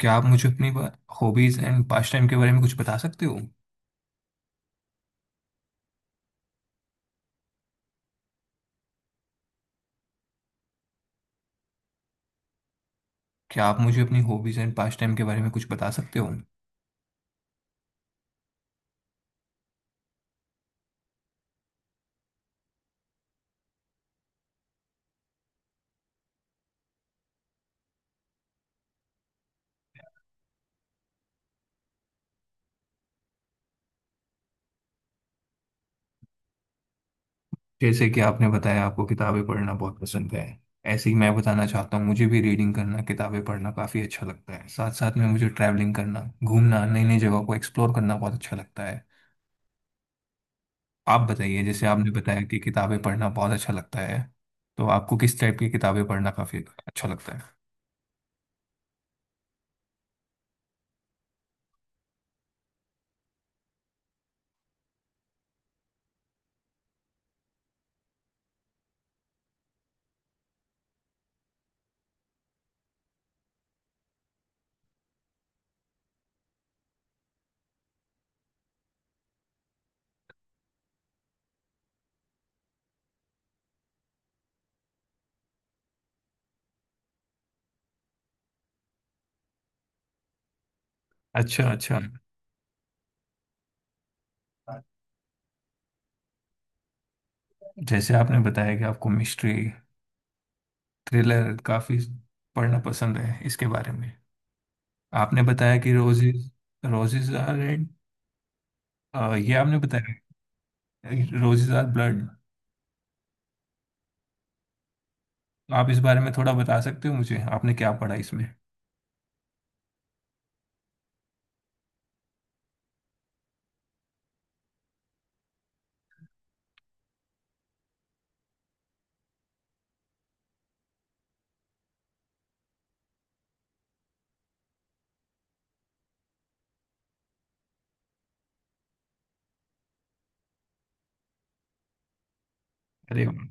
क्या आप मुझे अपनी हॉबीज एंड पास्ट टाइम के बारे में कुछ बता सकते हो। क्या आप मुझे अपनी हॉबीज एंड पास्ट टाइम के बारे में कुछ बता सकते हो। जैसे कि आपने बताया आपको किताबें पढ़ना बहुत पसंद है, ऐसे ही मैं बताना चाहता हूँ मुझे भी रीडिंग करना, किताबें पढ़ना काफ़ी अच्छा लगता है। साथ साथ में मुझे ट्रैवलिंग करना, घूमना, नई नई जगह को एक्सप्लोर करना बहुत अच्छा लगता है। आप बताइए, जैसे आपने बताया कि किताबें पढ़ना बहुत अच्छा लगता है, तो आपको किस टाइप की किताबें पढ़ना काफ़ी अच्छा लगता है। अच्छा अच्छा। जैसे आपने बताया कि आपको मिस्ट्री, थ्रिलर काफी पढ़ना पसंद है, इसके बारे में आपने बताया कि रोजेज, रोजेज आर रेड ये आपने बताया, रोजेज आर ब्लड। आप इस बारे में थोड़ा बता सकते हो मुझे आपने क्या पढ़ा इसमें। अरे वाह।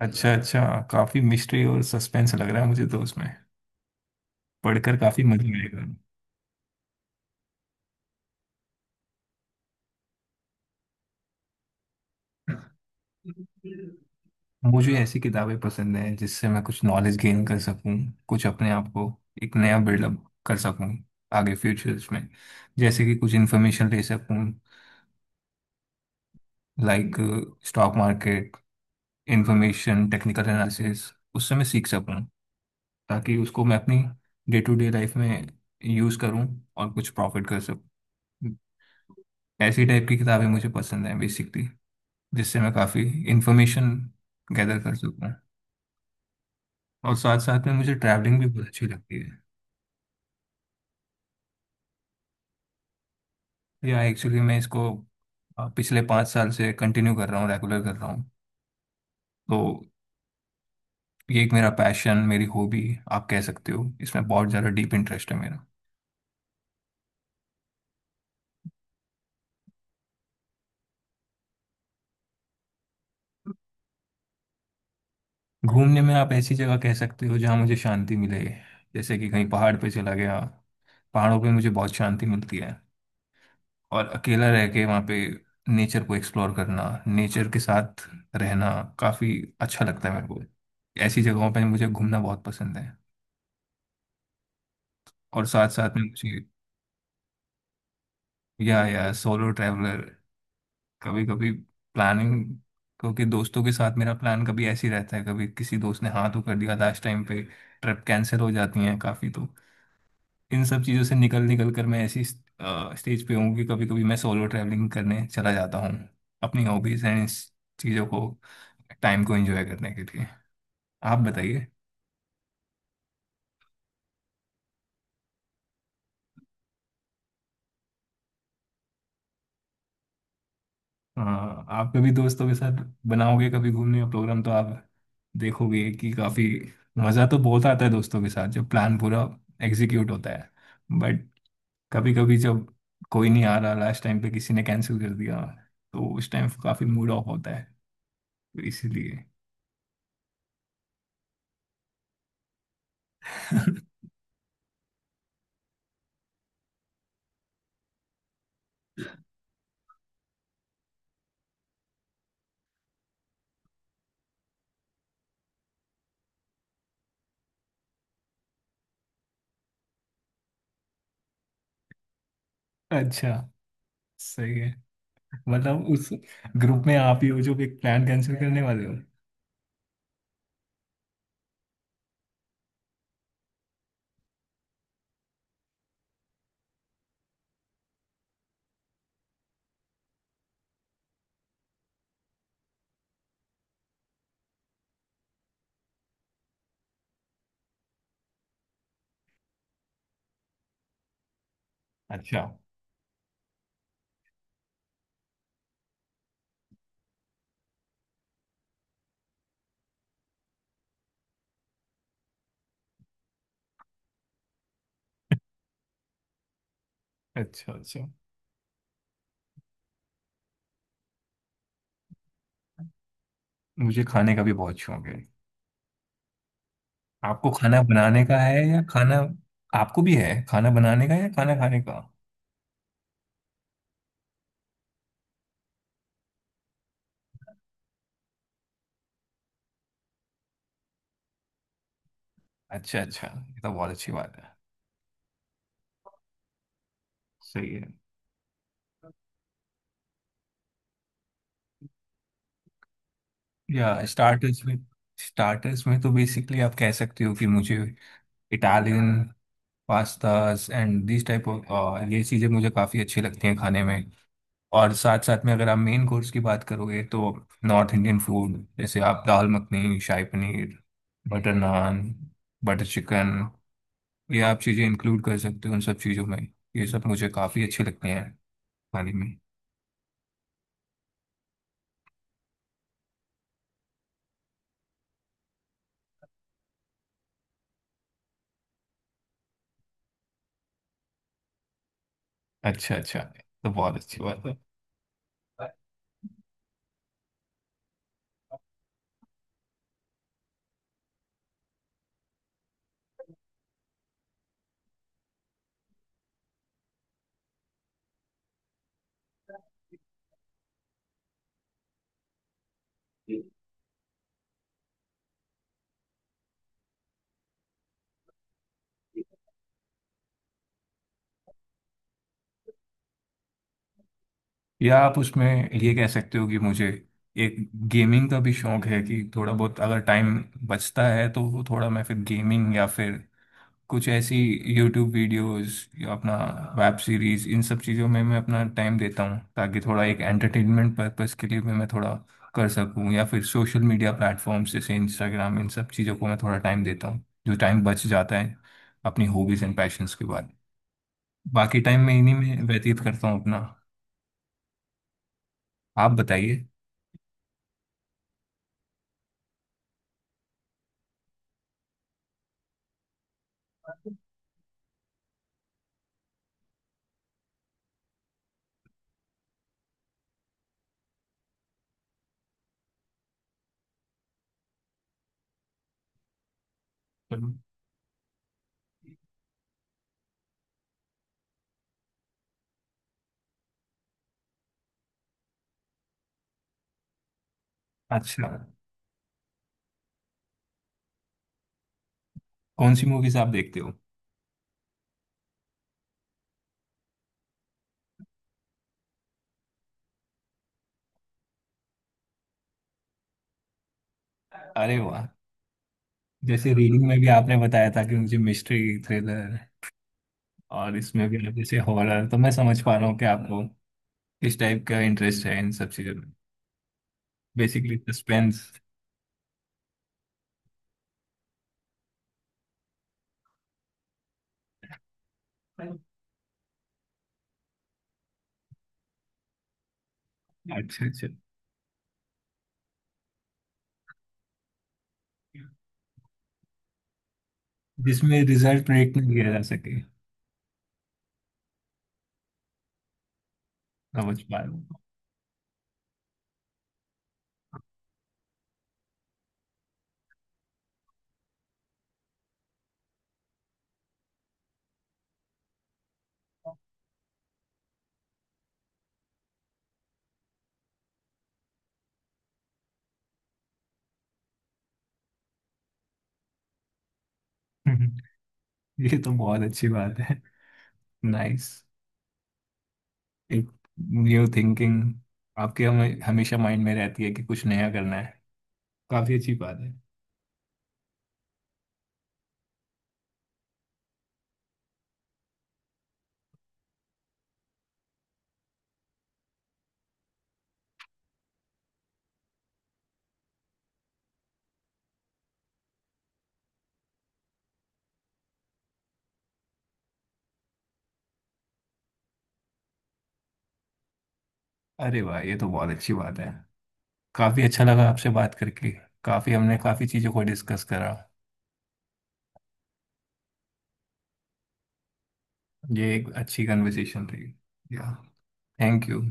अच्छा अच्छा, काफी मिस्ट्री और सस्पेंस लग रहा है मुझे तो उसमें, पढ़कर काफी मजा आएगा। मुझे ऐसी किताबें पसंद हैं जिससे मैं कुछ नॉलेज गेन कर सकूं, कुछ अपने आप को एक नया बिल्डअप कर सकूं, आगे फ्यूचर्स में जैसे कि कुछ इन्फॉर्मेशन ले सकूं, like stock market information, technical analysis, उससे मैं सीख सकूं ताकि उसको मैं अपनी डे टू डे लाइफ में यूज़ करूं और कुछ प्रॉफिट कर सकूं। ऐसी टाइप की किताबें मुझे पसंद हैं बेसिकली, जिससे मैं काफ़ी इंफॉर्मेशन गैदर कर सकूं। और साथ साथ में मुझे ट्रैवलिंग भी बहुत अच्छी लगती है। या एक्चुअली मैं इसको पिछले 5 साल से कंटिन्यू कर रहा हूँ, रेगुलर कर रहा हूँ तो, ये एक मेरा पैशन, मेरी हॉबी आप कह सकते हो, इसमें बहुत ज़्यादा डीप इंटरेस्ट है मेरा। घूमने में आप ऐसी जगह कह सकते हो जहाँ मुझे शांति मिले, जैसे कि कहीं पहाड़ पे चला गया, पहाड़ों पे मुझे बहुत शांति मिलती है, और अकेला रह के वहाँ पे नेचर को एक्सप्लोर करना, नेचर के साथ रहना काफ़ी अच्छा लगता है मेरे को। ऐसी जगहों पे मुझे घूमना बहुत पसंद है। और साथ साथ में मुझे, या सोलो ट्रैवलर, कभी कभी प्लानिंग, क्योंकि दोस्तों के साथ मेरा प्लान कभी ऐसे ही रहता है, कभी किसी दोस्त ने हाँ तो कर दिया लास्ट टाइम पे, ट्रिप कैंसिल हो जाती है काफ़ी, तो इन सब चीज़ों से निकल निकल कर मैं ऐसी स्टेज पे हूँ कि कभी कभी मैं सोलो ट्रैवलिंग करने चला जाता हूँ, अपनी हॉबीज एंड इस चीज़ों को, टाइम को एंजॉय करने के लिए। आप बताइए। हाँ, आप कभी दोस्तों के साथ बनाओगे कभी घूमने का प्रोग्राम तो आप देखोगे कि काफ़ी मज़ा तो बहुत आता है दोस्तों के साथ, जब प्लान पूरा एग्जीक्यूट होता है। बट कभी कभी जब कोई नहीं आ रहा, लास्ट टाइम पे किसी ने कैंसिल कर दिया, तो उस टाइम काफ़ी मूड ऑफ होता है, तो इसीलिए अच्छा, सही है, मतलब उस ग्रुप में आप ही हो जो एक प्लान कैंसिल करने वाले हो। अच्छा अच्छा। अच्छा, मुझे खाने का भी बहुत शौक है। आपको खाना बनाने का है या खाना, आपको भी है खाना बनाने का या खाना खाने का। अच्छा अच्छा, ये तो बहुत अच्छी बात है। सही है। या स्टार्टर्स में, स्टार्टर्स में तो बेसिकली आप कह सकते हो कि मुझे Italian pastas and this type of, ये चीज़ें मुझे काफ़ी अच्छी लगती हैं खाने में। और साथ साथ में अगर आप मेन कोर्स की बात करोगे तो नॉर्थ इंडियन फूड जैसे आप dal makhani, shahi paneer, butter naan, butter chicken, ये आप चीज़ें इंक्लूड कर सकते हो उन सब चीज़ों में। ये सब मुझे काफ़ी अच्छे लगते हैं खाने में। अच्छा अच्छा, तो बहुत अच्छी बात है। या आप उसमें ये कह सकते हो कि मुझे एक गेमिंग का भी शौक है, कि थोड़ा बहुत अगर टाइम बचता है तो वो थोड़ा मैं फिर गेमिंग या फिर कुछ ऐसी यूट्यूब वीडियोस या अपना वेब सीरीज, इन सब चीज़ों में मैं अपना टाइम देता हूँ ताकि थोड़ा एक एंटरटेनमेंट पर्पस के लिए भी मैं थोड़ा कर सकूँ, या फिर सोशल मीडिया प्लेटफॉर्म्स जैसे इंस्टाग्राम, इन सब चीज़ों को मैं थोड़ा टाइम देता हूँ, जो टाइम बच जाता है अपनी हॉबीज एंड पैशंस के बाद। बाकी टाइम मैं इन्हीं में व्यतीत करता हूँ अपना। आप बताइए। अच्छा। कौन सी मूवीज आप देखते हो। अरे वाह, जैसे रीडिंग में भी आपने बताया था कि मुझे मिस्ट्री थ्रिलर, और इसमें अगर जैसे हॉरर, तो मैं समझ पा रहा हूँ कि आपको किस टाइप का इंटरेस्ट है इन सब चीज़ों में, बेसिकली सस्पेंस। अच्छा अच्छा। जिसमें रिजल्ट प्रेडिक्ट नहीं किया जा सके, समझ पा रहा हूँ ये तो बहुत अच्छी बात है। नाइस, एक न्यू थिंकिंग आपके हमें हमेशा माइंड में रहती है कि कुछ नया करना है, काफी अच्छी बात है। अरे वाह, ये तो बहुत अच्छी बात है, काफी अच्छा लगा आपसे बात करके, काफी हमने काफी चीजों को डिस्कस करा, ये एक अच्छी कन्वर्सेशन रही, या थैंक यू।